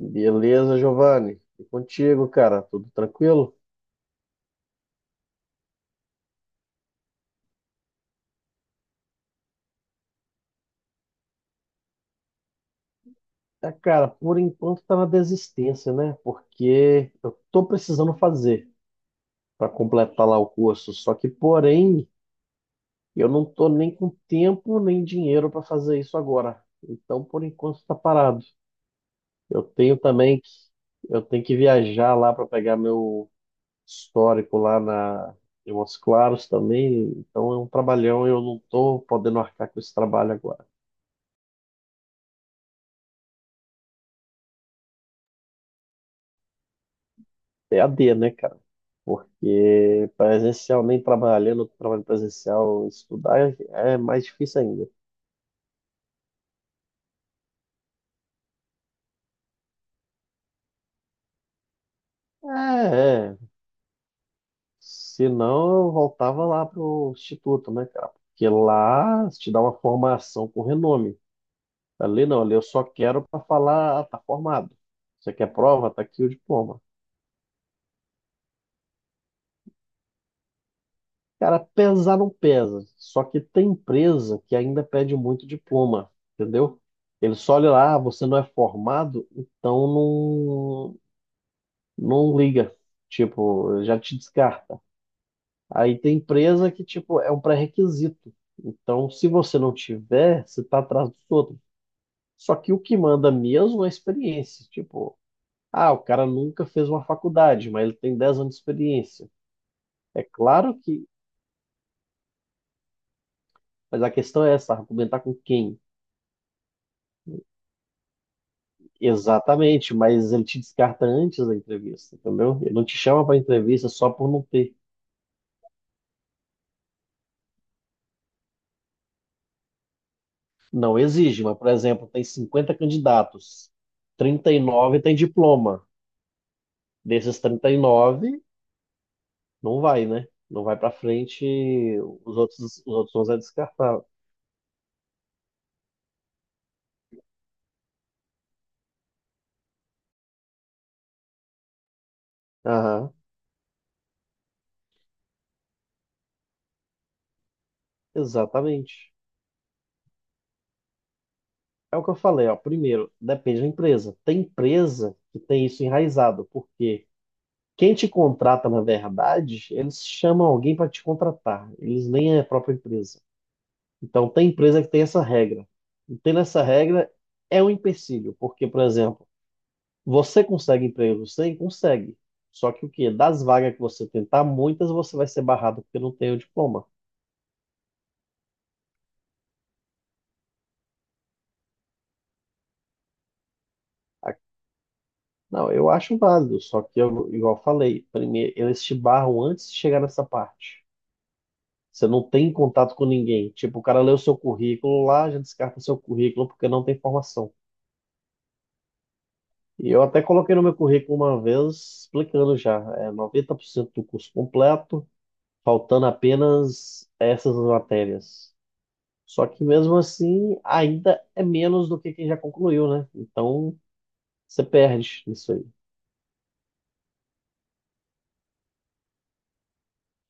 Beleza, Giovanni. E contigo, cara? Tudo tranquilo? É, cara, por enquanto tá na desistência, né? Porque eu tô precisando fazer para completar lá o curso. Só que, porém, eu não tô nem com tempo nem dinheiro para fazer isso agora. Então, por enquanto tá parado. Eu tenho também que eu tenho que viajar lá para pegar meu histórico lá na em Montes Claros também. Então é um trabalhão e eu não tô podendo arcar com esse trabalho agora. EAD, né, cara? Porque presencial, nem trabalhando, trabalho presencial, estudar é mais difícil ainda. É, é. Se não, eu voltava lá pro instituto, né, cara? Porque lá te dá uma formação com renome. Ali não, ali eu só quero para falar, ah, tá formado. Você quer prova? Tá aqui o diploma. Cara, pesar não pesa. Só que tem empresa que ainda pede muito diploma, entendeu? Ele só olha lá, ah, você não é formado, então não, não liga, tipo, já te descarta. Aí tem empresa que, tipo, é um pré-requisito. Então, se você não tiver, você tá atrás dos outros. Só que o que manda mesmo é a experiência. Tipo, ah, o cara nunca fez uma faculdade, mas ele tem 10 anos de experiência. É claro que, mas a questão é essa, argumentar com quem? Exatamente, mas ele te descarta antes da entrevista, entendeu? Ele não te chama para entrevista só por não ter. Não exige, mas, por exemplo, tem 50 candidatos, 39 tem diploma. Desses 39, não vai, né? Não vai para frente, os outros, os outros 11 é descartável. Aham, exatamente. É o que eu falei, ó. Primeiro, depende da empresa. Tem empresa que tem isso enraizado, porque quem te contrata, na verdade, eles chamam alguém para te contratar. Eles nem é a própria empresa. Então, tem empresa que tem essa regra. E tendo essa regra, é um empecilho, porque, por exemplo, você consegue emprego? Sim, consegue. Só que o quê? Das vagas que você tentar, muitas você vai ser barrado porque não tem o diploma. A- Não, eu acho válido, só que eu, igual eu falei, primeiro eles te barram antes de chegar nessa parte. Você não tem contato com ninguém. Tipo, o cara lê o seu currículo lá, já descarta seu currículo porque não tem formação. E eu até coloquei no meu currículo uma vez, explicando já, é 90% do curso completo, faltando apenas essas matérias. Só que mesmo assim, ainda é menos do que quem já concluiu, né? Então, você perde isso aí.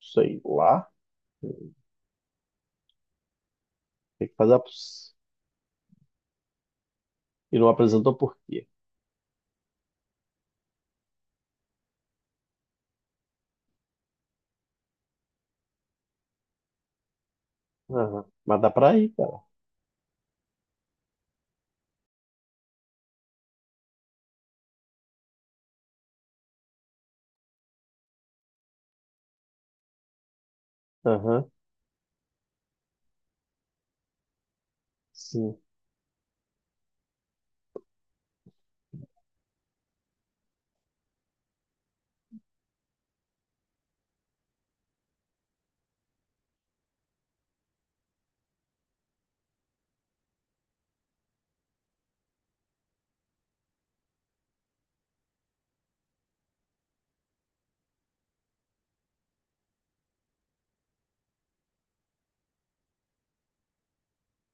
Isso aí lá, tem que fazer. E não apresentou por quê? Aham. Mas dá pra ir, cara. Aham. Sim.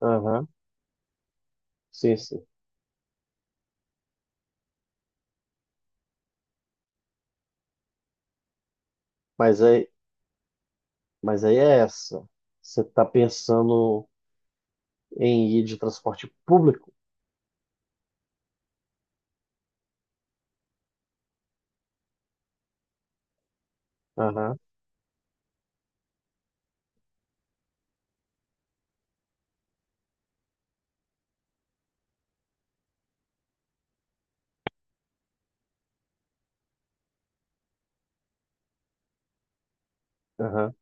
Aham. Sim, sim. Mas aí, mas aí é essa. Você tá pensando em ir de transporte público? Aham. Aham.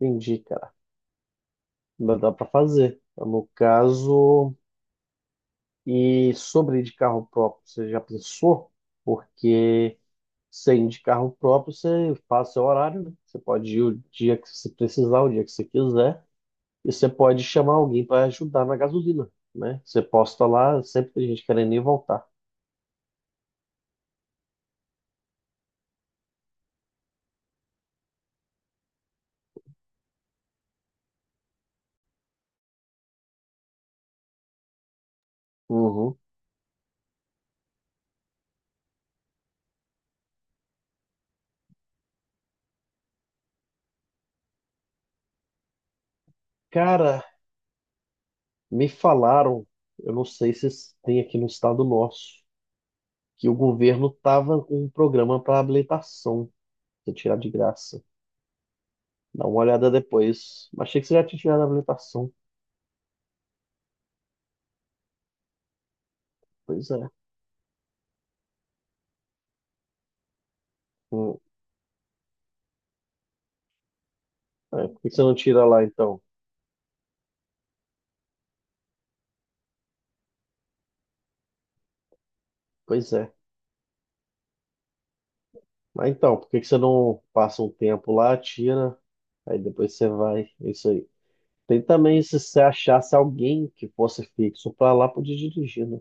Entendi, cara. Mas dá pra fazer. No caso, e sobre ir de carro próprio, você já pensou? Porque. Você ir de carro próprio, você faz seu horário, né? Você pode ir o dia que você precisar, o dia que você quiser, e você pode chamar alguém para ajudar na gasolina, né? Você posta lá, sempre tem gente querendo ir e voltar. Uhum. Cara, me falaram, eu não sei se tem aqui no estado nosso, que o governo tava com um programa para habilitação, você tirar de graça. Dá uma olhada depois. Achei que você já tinha tirado a habilitação. Pois é. Hum, é. Por que você não tira lá então? Pois é. Ah, então, por que que você não passa um tempo lá, tira, aí depois você vai, é isso aí. Tem também, se você achasse alguém que fosse fixo para lá, podia dirigir, né?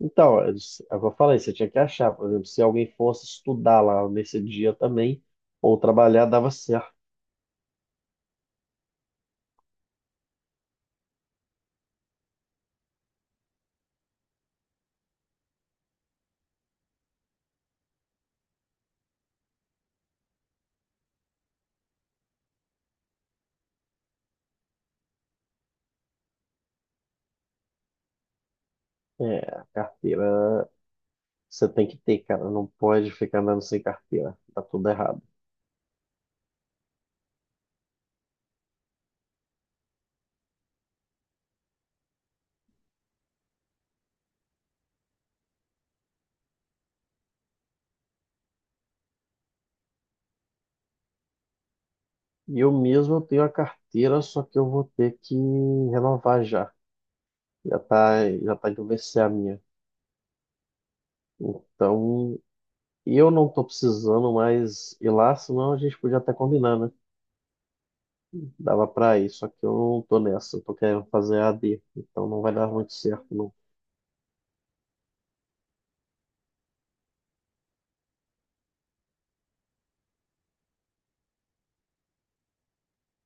Então, é isso, é o que eu falei, você tinha que achar, por exemplo, se alguém fosse estudar lá nesse dia também, ou trabalhar, dava certo. É, a carteira você tem que ter, cara, não pode ficar andando sem carteira, tá tudo errado. E eu mesmo eu tenho a carteira, só que eu vou ter que renovar já. Já tá indo vencer a minha. Então, eu não tô precisando mais ir lá, senão a gente podia até combinar, né? Dava pra ir, só que eu não tô nessa, eu tô querendo fazer AD, então não vai dar muito certo, não.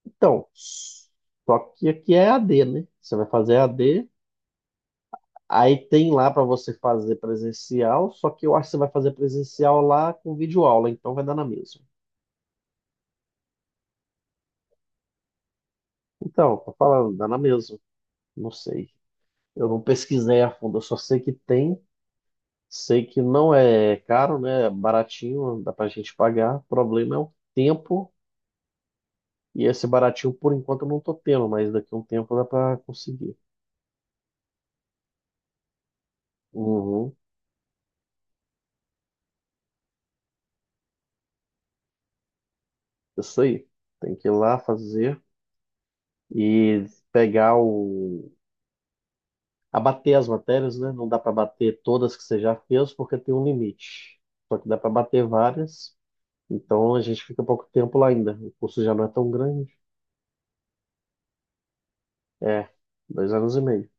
Então, só que aqui é AD, né? Você vai fazer AD, aí tem lá pra você fazer presencial, só que eu acho que você vai fazer presencial lá com videoaula, então vai dar na mesma. Então, tô falando, dá na mesma, não sei. Eu não pesquisei a fundo, eu só sei que tem. Sei que não é caro, né? É baratinho, dá pra gente pagar. O problema é o tempo. E esse baratinho, por enquanto, eu não tô tendo, mas daqui a um tempo dá pra conseguir. Uhum, isso aí. Tem que ir lá fazer e pegar o. Abater as matérias, né? Não dá pra bater todas que você já fez, porque tem um limite. Só que dá pra bater várias. Então a gente fica pouco tempo lá ainda. O curso já não é tão grande. É, dois anos e meio.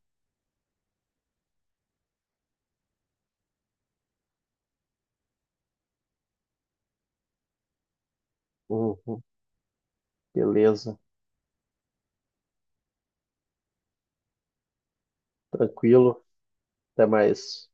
Uhum, beleza, tranquilo. Até mais.